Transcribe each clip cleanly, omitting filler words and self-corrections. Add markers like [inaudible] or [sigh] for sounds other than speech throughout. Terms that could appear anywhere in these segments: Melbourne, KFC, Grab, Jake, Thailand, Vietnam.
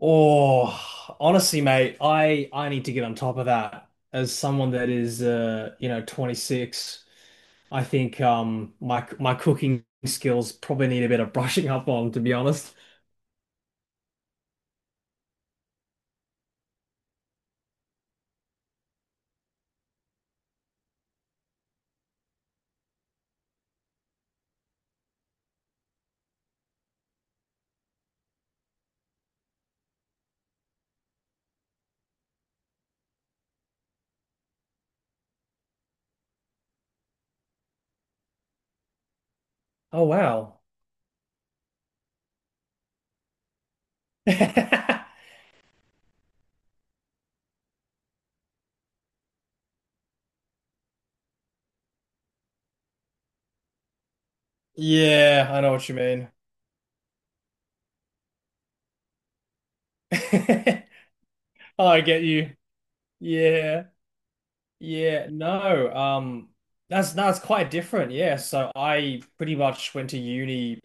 Oh, honestly, mate, I need to get on top of that. As someone that is, you know, 26, I think my cooking skills probably need a bit of brushing up on, to be honest. Oh wow. [laughs] Yeah, I know what you mean. [laughs] I get you. Yeah. Yeah, no. That's quite different. Yeah, so I pretty much went to uni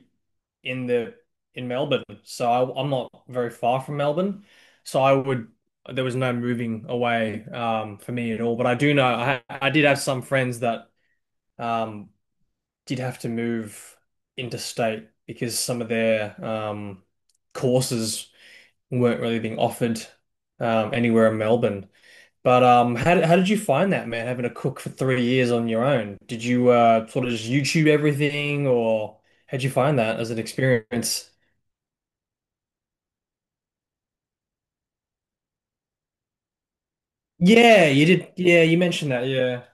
in the in Melbourne, so I, I'm not very far from Melbourne. So I would there was no moving away for me at all. But I do know I did have some friends that um did have to move interstate because some of their courses weren't really being offered anywhere in Melbourne. But how did you find that, man, having to cook for 3 years on your own? Did you sort of just YouTube everything, or how'd you find that as an experience? Yeah, you did. Yeah, you mentioned that. Yeah.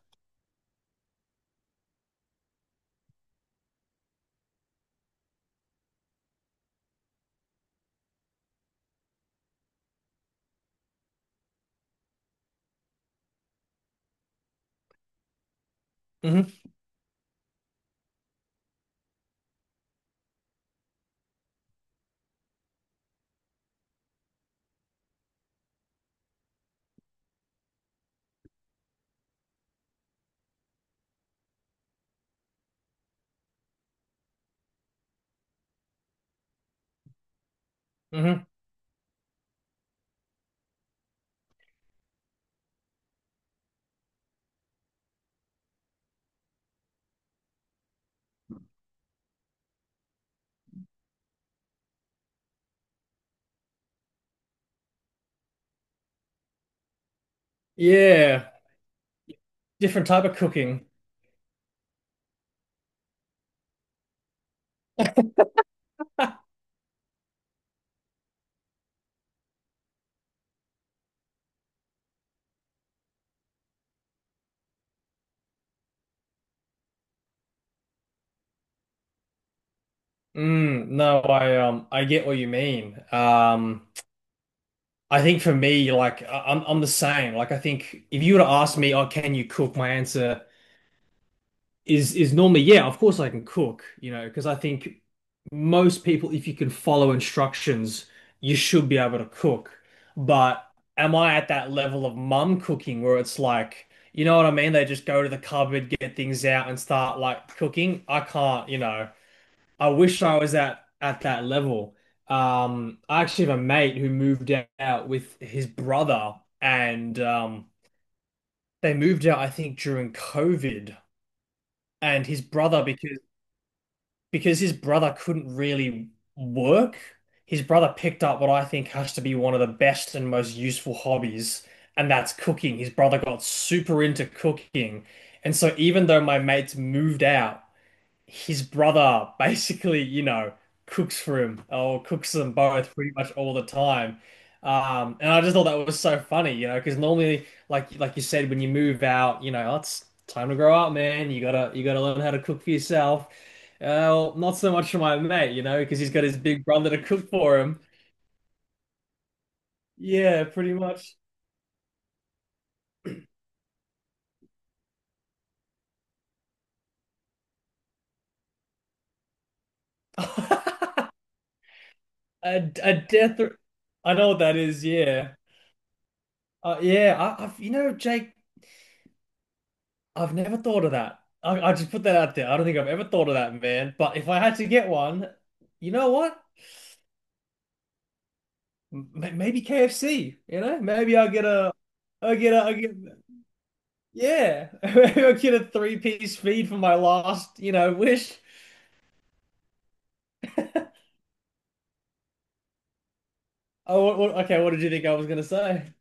Hmm. Hmm. Yeah. Different type of cooking. Mm, no, I get what you mean. I think for me, like I'm the same. Like I think if you were to ask me, oh, can you cook? My answer is normally, yeah, of course I can cook, you know, because I think most people, if you can follow instructions, you should be able to cook. But am I at that level of mum cooking where it's like, you know what I mean? They just go to the cupboard, get things out, and start like cooking. I can't, you know. I wish I was at that level. I actually have a mate who moved out with his brother, and they moved out, I think, during COVID. And his brother, because his brother couldn't really work, his brother picked up what I think has to be one of the best and most useful hobbies, and that's cooking. His brother got super into cooking. And so even though my mates moved out, his brother basically, you know, cooks for him or cooks them both pretty much all the time. And I just thought that was so funny, you know, because normally, like you said, when you move out, you know, "Oh, it's time to grow up, man. You gotta learn how to cook for yourself." Well, not so much for my mate, you know, because he's got his big brother to cook for him. Yeah, pretty much. [laughs] A, a death. I know what that is. Yeah. Yeah. I've, you know, Jake. I've never thought of that. I just put that out there. I don't think I've ever thought of that, man. But if I had to get one, you know what? Maybe KFC. You know, maybe I'll get a, I'll get a, I'll get, yeah, [laughs] maybe I'll get a three-piece feed for my last, you know, wish. Oh, okay. What did you think I was gonna say?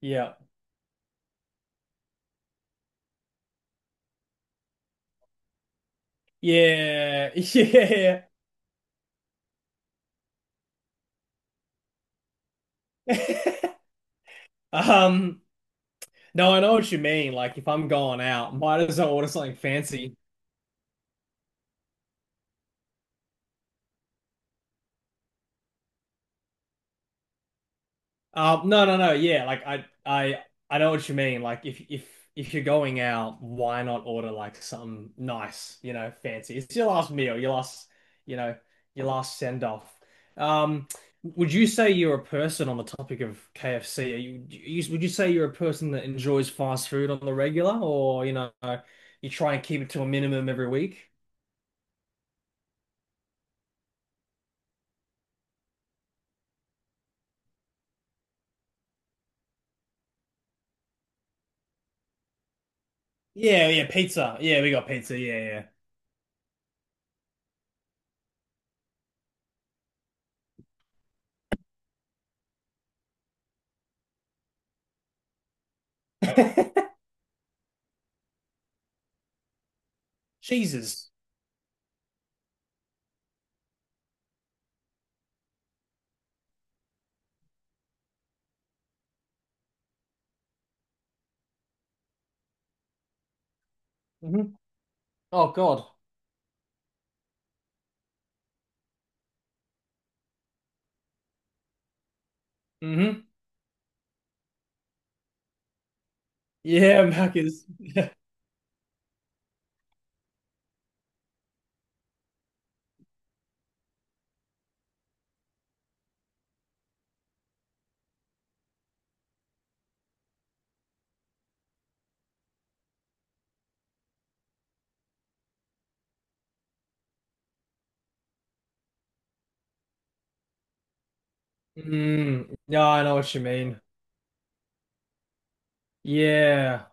Yeah, yeah, [laughs] yeah. [laughs] Um, no, I know what you mean. Like, if I'm going out, might as well order something fancy. No, no, no. Yeah, like I know what you mean. Like if if you're going out, why not order like something nice, you know, fancy? It's your last meal, your last, you know, your last send off. Um, would you say you're a person on the topic of KFC? Are would you say you're a person that enjoys fast food on the regular, or you know, you try and keep it to a minimum every week? Yeah, yeah, pizza. Yeah, we got pizza. Yeah, yeah. [laughs] Cheeses. Hmm. Oh God. Mm-hmm. Yeah, [laughs] Mac is. Mm, no, I know what you mean. Yeah.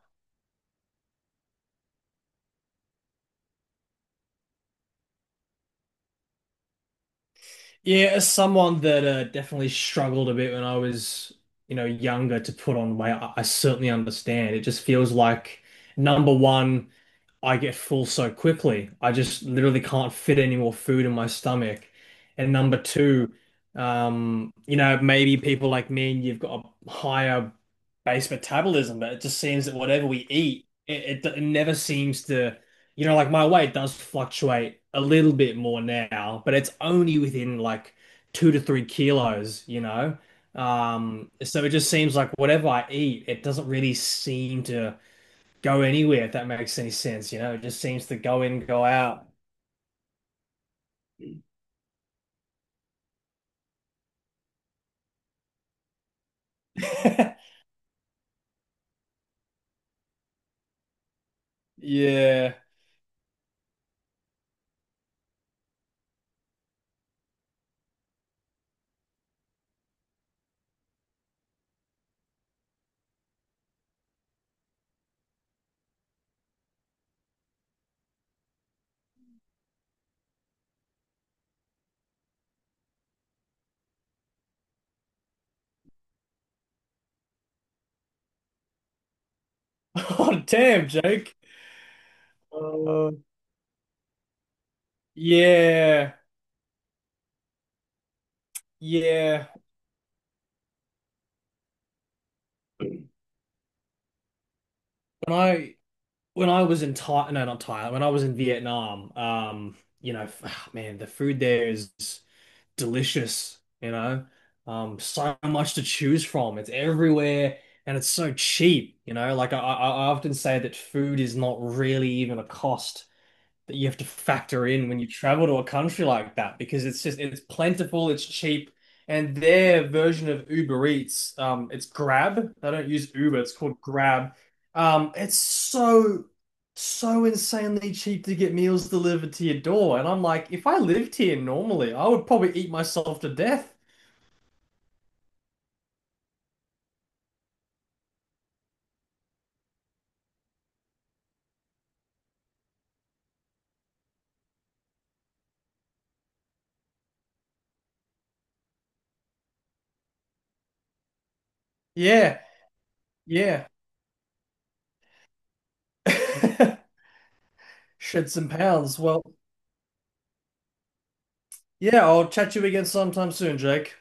Yeah, as someone that definitely struggled a bit when I was, you know, younger to put on weight, I certainly understand. It just feels like number one. I get full so quickly. I just literally can't fit any more food in my stomach. And number two, you know, maybe people like me and you've got a higher base metabolism, but it just seems that whatever we eat, it never seems to, you know, like my weight does fluctuate a little bit more now, but it's only within like 2 to 3 kilos, you know? So it just seems like whatever I eat, it doesn't really seem to go anywhere, if that makes any sense. You know, it just seems to go in, go out. [laughs] Yeah. [laughs] Oh, damn, Jake. Uh, yeah, yeah. When I when I was in Thailand, no, not Thailand. When I was in Vietnam, you know, ah, man, the food there is delicious. You know, so much to choose from. It's everywhere, and it's so cheap. You know, like I often say that food is not really even a cost that you have to factor in when you travel to a country like that because it's just it's plentiful, it's cheap, and their version of Uber Eats, it's Grab. They don't use Uber, it's called Grab. It's so so insanely cheap to get meals delivered to your door, and I'm like, if I lived here normally, I would probably eat myself to death. Yeah, yeah. [laughs] Shed some pounds. Well, yeah, I'll chat to you again sometime soon, Jake.